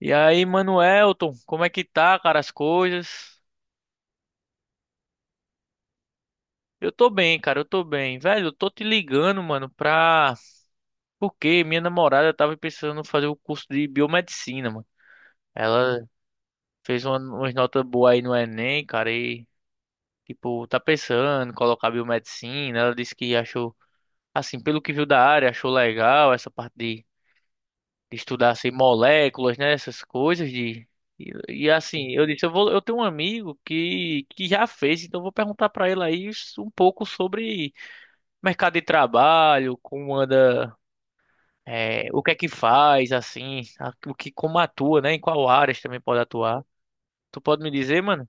E aí, Manuelton, como é que tá, cara, as coisas? Eu tô bem, cara, eu tô bem. Velho, eu tô te ligando, mano, pra. Porque minha namorada tava pensando em fazer o curso de biomedicina, mano. Ela fez umas notas boas aí no Enem, cara, e, tipo, tá pensando em colocar biomedicina. Ela disse que achou, assim, pelo que viu da área, achou legal essa parte de estudar assim, moléculas, né? Essas coisas de. E, e, assim, eu disse, eu vou, eu tenho um amigo que já fez, então eu vou perguntar para ele aí um pouco sobre mercado de trabalho, como anda, o que é que faz, assim, o que, como atua, né? Em qual áreas também pode atuar. Tu pode me dizer, mano?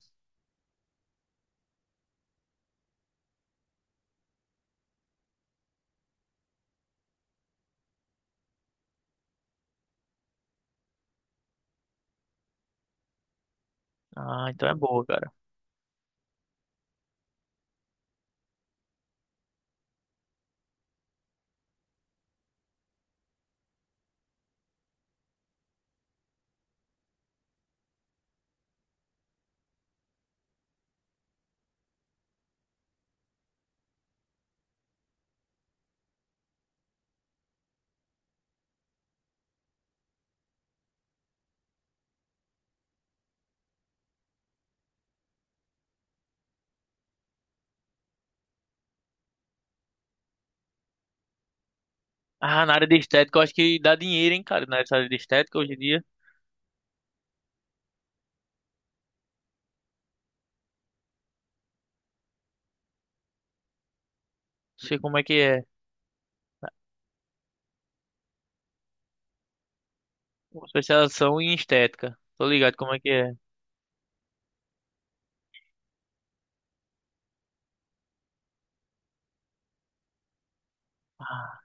Ah, então é boa, cara. Ah, na área de estética, eu acho que dá dinheiro, hein, cara? Na área de estética, hoje em dia, não sei como é que é. Uma especialização em estética. Tô ligado como é que é. Ah,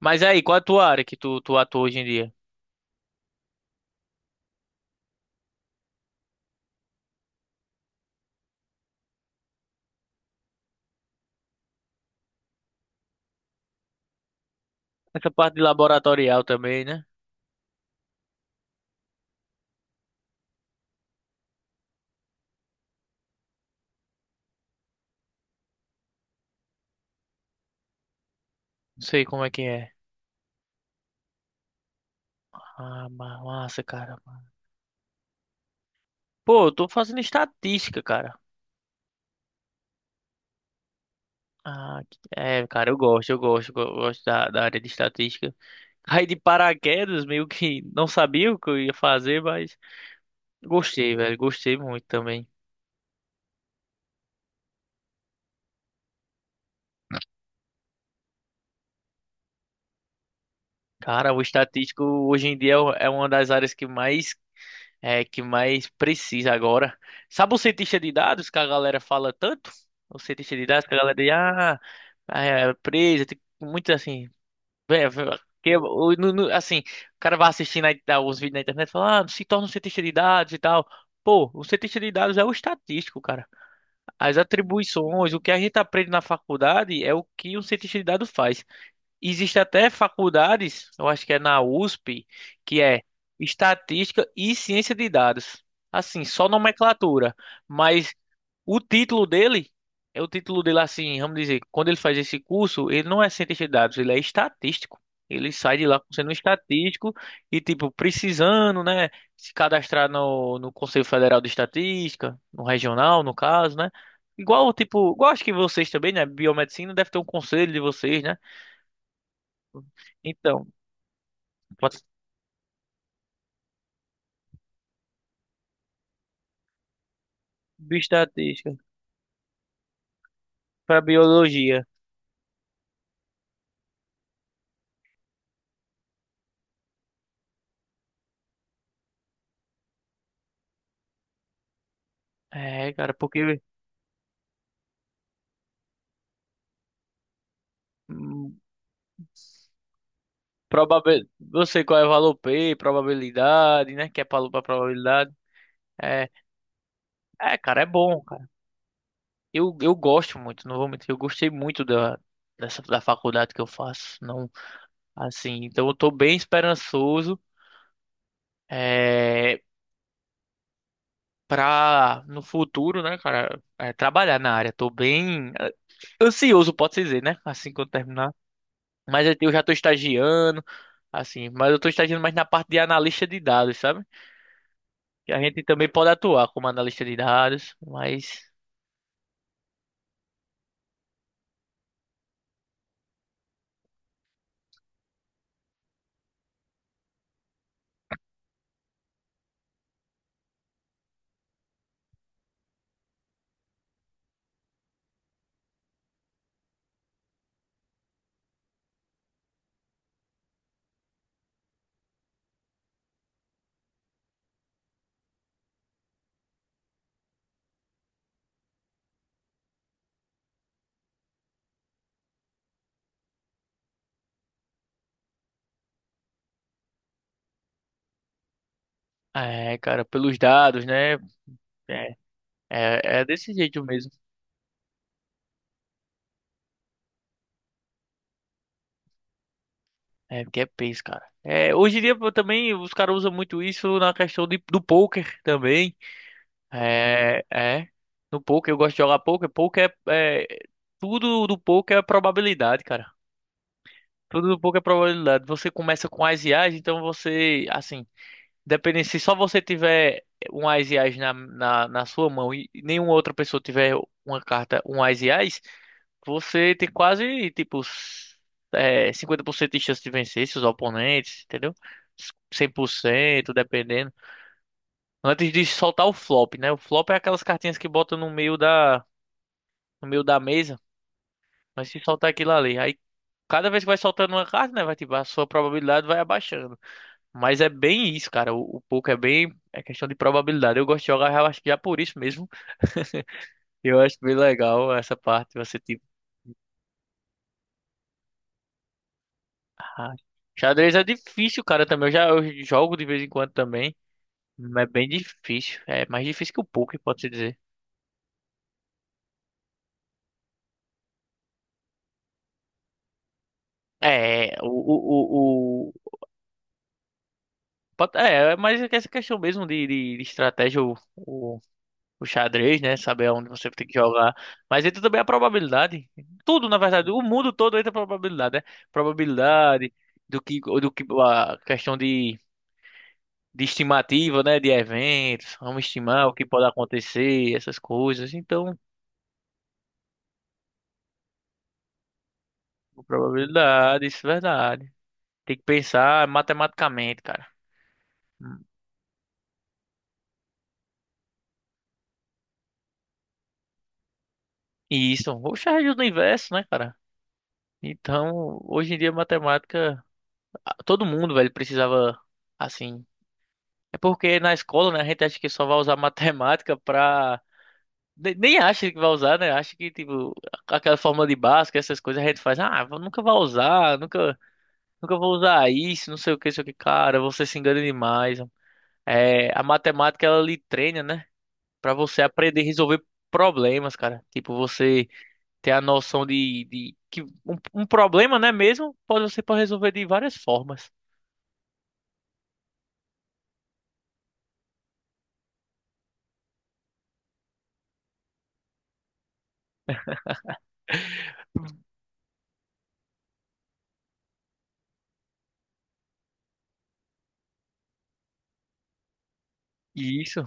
mas aí, qual é a tua área que tu atua hoje em dia? Essa parte de laboratorial também, né? Não sei como é que é. Ah, massa, cara. Pô, eu tô fazendo estatística, cara. Ah, é, cara, eu gosto da área de estatística. Caí de paraquedas, meio que não sabia o que eu ia fazer, mas gostei, velho, gostei muito também. Cara, o estatístico hoje em dia é é uma das áreas que mais é que mais precisa agora. Sabe o cientista de dados que a galera fala tanto? O cientista de dados que a galera diz, ah, é presa, tem muito assim. Vé- vé- Que, o- no- no- assim, o cara vai assistindo aí, tá, os vídeos na internet e fala, ah, se torna um cientista de dados e tal. Pô, o cientista de dados é o estatístico, cara. As atribuições, o que a gente aprende na faculdade é o que um cientista de dados faz. Existe até faculdades, eu acho que é na USP, que é Estatística e Ciência de Dados. Assim, só nomenclatura, mas o título dele o título dele assim, vamos dizer, quando ele faz esse curso, ele não é cientista de dados, ele é estatístico. Ele sai de lá sendo um estatístico e tipo precisando, né, se cadastrar no Conselho Federal de Estatística, no regional, no caso, né? Igual tipo, igual acho que vocês também, né, biomedicina deve ter um conselho de vocês, né? Então, Bota bioestatística para biologia. É, cara, porque hum, eu sei qual é o valor P, probabilidade, né? Que é para probabilidade. É, é, cara, é bom, cara. Eu gosto muito, não vou mentir, eu gostei muito da faculdade que eu faço. Não, assim, então eu tô bem esperançoso é, pra no futuro, né, cara, trabalhar na área. Tô bem ansioso, pode-se dizer, né? Assim que eu terminar. Mas eu já tô estagiando. Assim, mas eu estou estagiando mais na parte de analista de dados, sabe? Que a gente também pode atuar como analista de dados, mas. É, cara, pelos dados, né? É, é, é desse jeito mesmo. É, porque é peso, cara. É, hoje em dia pô, também os caras usam muito isso na questão do poker também. É, é. No poker eu gosto de jogar poker. Poker é tudo do poker é probabilidade, cara. Tudo do poker é probabilidade. Você começa com as IAs, então você, assim. Dependendo, se só você tiver um Ás e Ás na sua mão e nenhuma outra pessoa tiver uma carta, um Ás e Ás, você tem quase, tipo, 50% de chance de vencer seus oponentes, entendeu? 100%, dependendo. Antes de soltar o flop, né? O flop é aquelas cartinhas que botam no meio da, mesa, mas se soltar aquilo ali, aí cada vez que vai soltando uma carta, né, vai, tipo, a sua probabilidade vai abaixando. Mas é bem isso, cara. O poker é bem. É questão de probabilidade. Eu gosto de jogar, eu acho que já por isso mesmo. Eu acho bem legal essa parte. Você, tipo. Ah, xadrez é difícil, cara, também. Eu jogo de vez em quando também. Mas é bem difícil. É mais difícil que o poker, pode-se dizer. É, mas é que essa questão mesmo de estratégia, o, o xadrez, né? Saber onde você tem que jogar. Mas entra também a probabilidade. Tudo, na verdade, o mundo todo entra a probabilidade, né? Probabilidade do que a questão de estimativa, né? De eventos. Vamos estimar o que pode acontecer, essas coisas. Então, probabilidade, isso é verdade. Tem que pensar matematicamente, cara. E isso, o xadrez do universo, né, cara? Então, hoje em dia, matemática, todo mundo, velho, precisava, assim. É porque na escola, né, a gente acha que só vai usar matemática pra. Nem acha que vai usar, né? Acha que, tipo, aquela fórmula de Bhaskara, essas coisas, a gente faz, ah, eu nunca vai usar, nunca, nunca vou usar isso, não sei o que, não sei o que. Cara, você se engana demais. É, a matemática, ela lhe treina, né? Pra você aprender a resolver problemas, cara. Tipo, você ter a noção de que um problema, né, mesmo, você pode resolver de várias formas. E isso,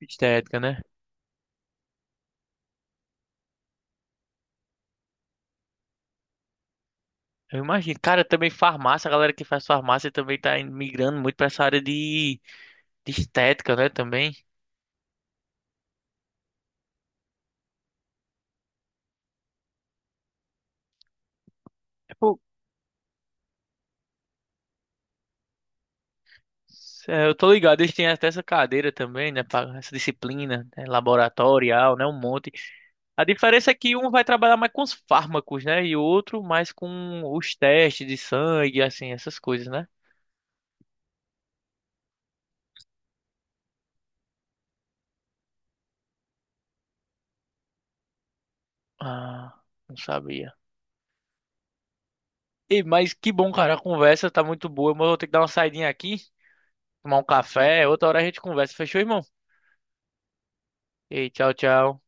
estética, né? Eu imagino. Cara, também farmácia, a galera que faz farmácia também tá migrando muito pra essa área de estética, né? Também. Tipo, é, eu tô ligado, eles têm até essa cadeira também, né? Essa disciplina, né, laboratorial, né? Um monte. A diferença é que um vai trabalhar mais com os fármacos, né? E o outro mais com os testes de sangue, assim, essas coisas, né? Ah, não sabia. E, mas que bom, cara. A conversa tá muito boa, mas eu vou ter que dar uma saidinha aqui, tomar um café. Outra hora a gente conversa. Fechou, irmão? E tchau, tchau.